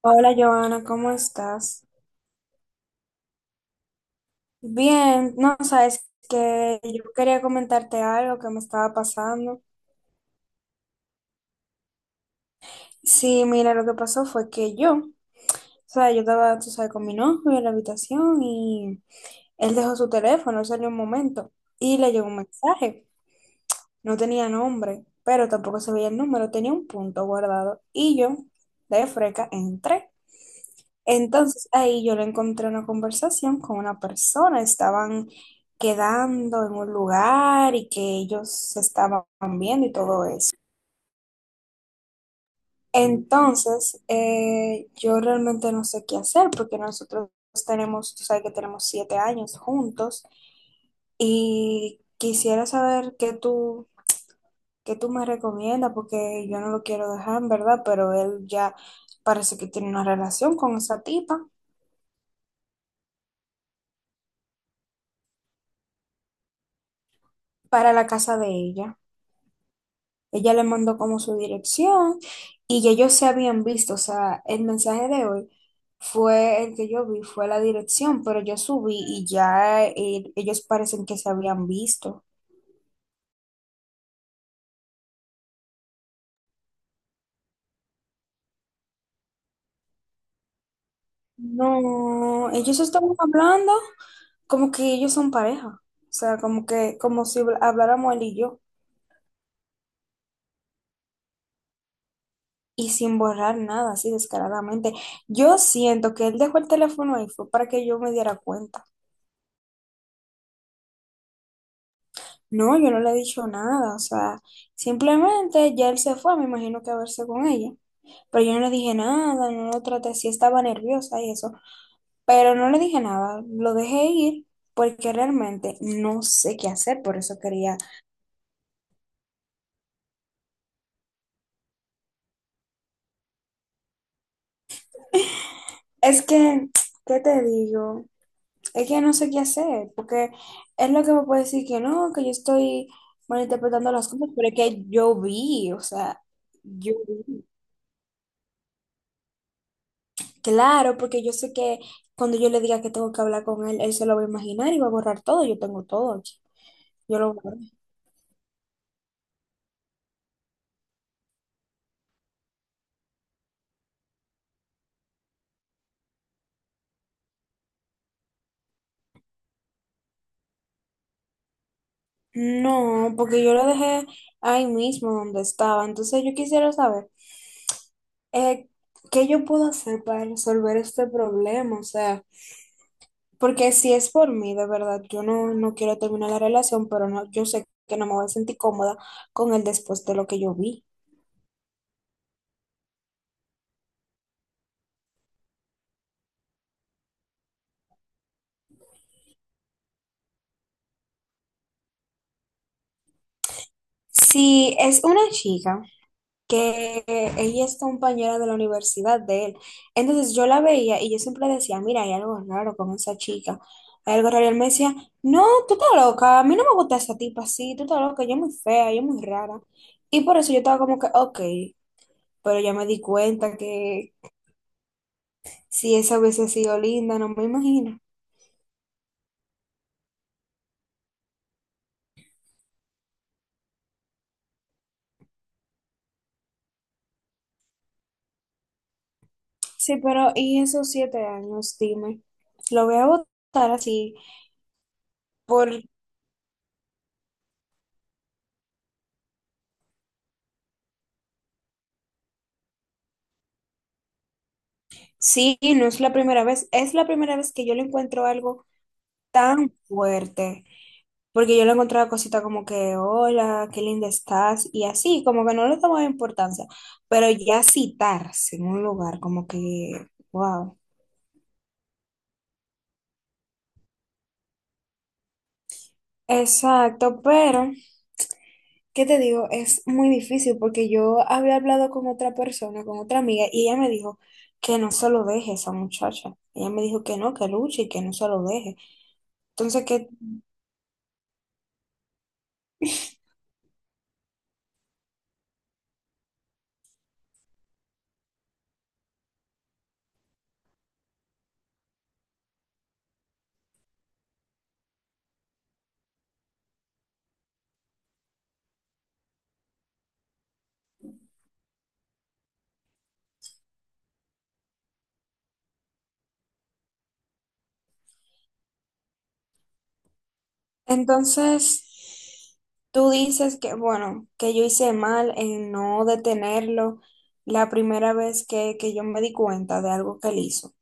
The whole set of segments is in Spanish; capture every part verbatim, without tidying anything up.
Hola Joana, ¿cómo estás? Bien, no sabes que yo quería comentarte algo que me estaba pasando. Sí, mira, lo que pasó fue que yo, o sea, yo estaba, tú sabes, con mi novio en la habitación y él dejó su teléfono, él salió un momento y le llegó un mensaje. No tenía nombre, pero tampoco se veía el número, tenía un punto guardado y yo, de freca, entré. Entonces ahí yo le encontré una conversación con una persona, estaban quedando en un lugar y que ellos se estaban viendo y todo eso. Entonces eh, yo realmente no sé qué hacer porque nosotros tenemos, tú sabes que tenemos siete años juntos y quisiera saber qué tú, qué tú me recomiendas porque yo no lo quiero dejar en verdad, pero él ya parece que tiene una relación con esa tipa para la casa de ella. Ella le mandó como su dirección y ya ellos se habían visto. O sea, el mensaje de hoy fue el que yo vi, fue la dirección, pero yo subí y ya eh, ellos parecen que se habían visto. No, ellos estaban hablando como que ellos son pareja. O sea, como que, como si habláramos él y yo. Y sin borrar nada, así descaradamente. Yo siento que él dejó el teléfono ahí fue para que yo me diera cuenta. No, yo no le he dicho nada, o sea, simplemente ya él se fue, me imagino que a verse con ella, pero yo no le dije nada, no lo traté, sí estaba nerviosa y eso, pero no le dije nada, lo dejé ir porque realmente no sé qué hacer, por eso quería, es que, ¿qué te digo? Es que no sé qué hacer, porque es lo que me puede decir que no, que yo estoy malinterpretando las cosas, pero es que yo vi, o sea, yo vi. Claro, porque yo sé que cuando yo le diga que tengo que hablar con él, él se lo va a imaginar y va a borrar todo. Yo tengo todo aquí. Yo lo borré. No, porque yo lo dejé ahí mismo donde estaba. Entonces yo quisiera saber eh, qué yo puedo hacer para resolver este problema. O sea, porque si es por mí, de verdad, yo no, no quiero terminar la relación, pero no, yo sé que no me voy a sentir cómoda con él después de lo que yo vi. Si es una chica, que ella es compañera de la universidad de él. Entonces yo la veía y yo siempre decía, mira, hay algo raro con esa chica, hay algo raro. Y él me decía, no, tú estás loca, a mí no me gusta esa tipa así, tú estás loca, ella es muy fea, ella es muy rara. Y por eso yo estaba como que, ok, pero ya me di cuenta que si esa hubiese sido linda, no me imagino. Sí, pero ¿y esos siete años? Dime, lo voy a votar así, por sí, no es la primera vez, es la primera vez que yo le encuentro algo tan fuerte, porque yo le encontraba cosita como que, hola, qué linda estás, y así, como que no le tomaba importancia, pero ya citarse en un lugar, como que, wow. Exacto, pero, ¿qué te digo? Es muy difícil porque yo había hablado con otra persona, con otra amiga, y ella me dijo que no se lo deje a esa muchacha. Ella me dijo que no, que luche y que no se lo deje. Entonces, ¿qué entonces, tú dices que, bueno, que yo hice mal en no detenerlo la primera vez que, que yo me di cuenta de algo que él hizo.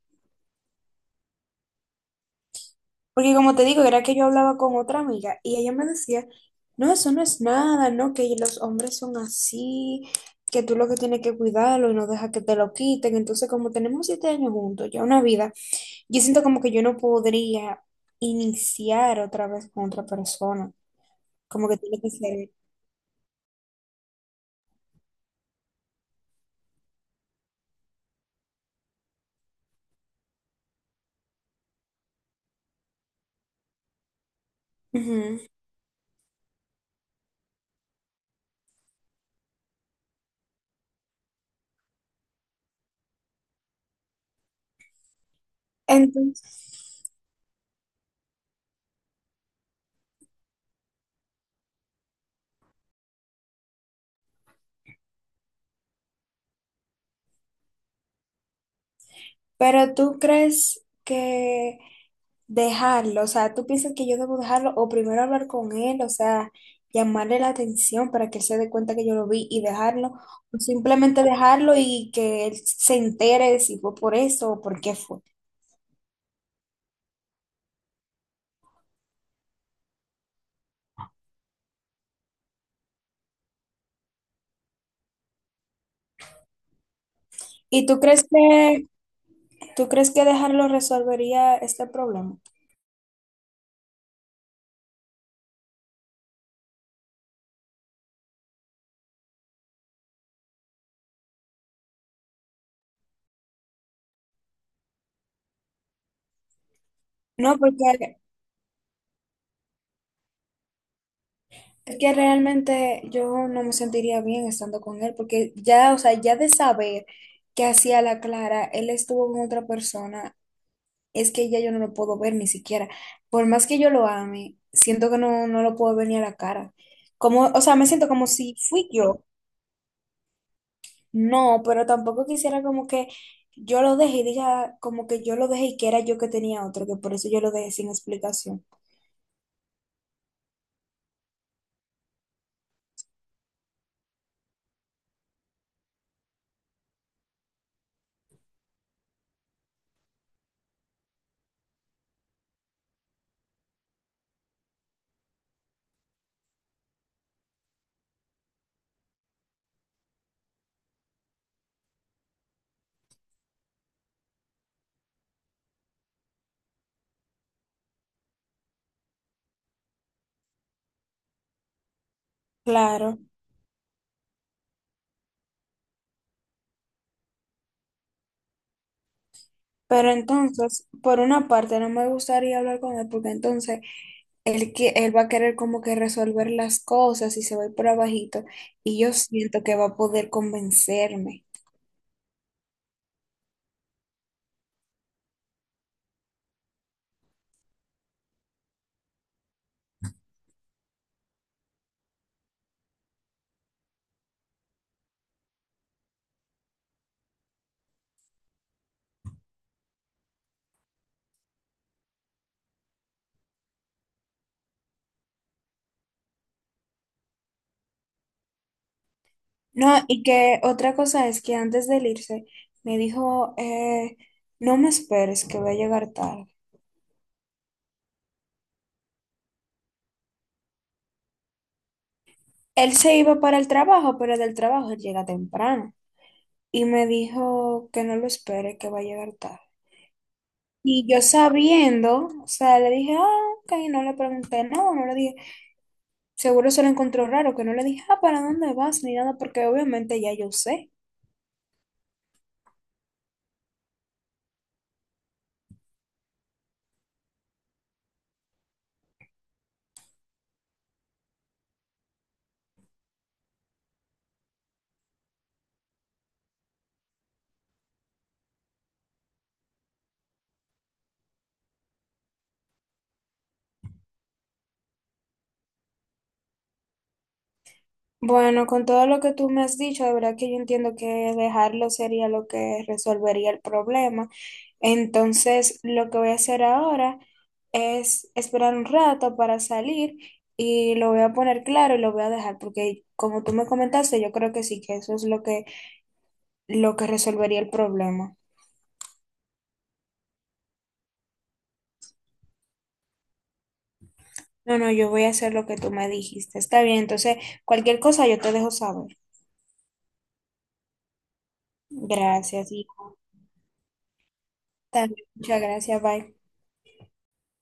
Porque como te digo, era que yo hablaba con otra amiga y ella me decía, no, eso no es nada, no, que los hombres son así, que tú lo que tienes que cuidarlo y no deja que te lo quiten. Entonces, como tenemos siete años juntos, ya una vida, yo siento como que yo no podría iniciar otra vez con otra persona, como que tiene que ser. Ujú. Entonces, pero tú crees que dejarlo, o sea, tú piensas que yo debo dejarlo o primero hablar con él, o sea, llamarle la atención para que él se dé cuenta que yo lo vi y dejarlo, o simplemente dejarlo y que él se entere de si fue por eso o por qué fue. ¿Y tú crees que tú crees que dejarlo resolvería este problema? No, porque es que realmente yo no me sentiría bien estando con él, porque ya, o sea, ya de saber que hacía la Clara, él estuvo con otra persona, es que ya yo no lo puedo ver ni siquiera. Por más que yo lo ame, siento que no, no lo puedo ver ni a la cara. Como, o sea, me siento como si fui yo. No, pero tampoco quisiera como que yo lo dejé y diga como que yo lo dejé y que era yo que tenía otro, que por eso yo lo dejé sin explicación. Claro, pero entonces, por una parte, no me gustaría hablar con él porque entonces él, que- él va a querer como que resolver las cosas y se va a ir por abajito y yo siento que va a poder convencerme. No, y que otra cosa es que antes de él irse me dijo, eh, no me esperes que voy a llegar tarde. Él se iba para el trabajo, pero del trabajo él llega temprano y me dijo que no lo espere, que va a llegar tarde. Y yo sabiendo, o sea, le dije, ah, ok, no le pregunté nada, no le dije. Seguro se lo encontró raro, que no le dije, ah, ¿para dónde vas? Ni nada, porque obviamente ya yo sé. Bueno, con todo lo que tú me has dicho, de verdad que yo entiendo que dejarlo sería lo que resolvería el problema. Entonces, lo que voy a hacer ahora es esperar un rato para salir y lo voy a poner claro y lo voy a dejar, porque como tú me comentaste, yo creo que sí, que eso es lo que, lo que resolvería el problema. No, no, yo voy a hacer lo que tú me dijiste. Está bien, entonces, cualquier cosa yo te dejo saber. Gracias, y también muchas gracias, bye.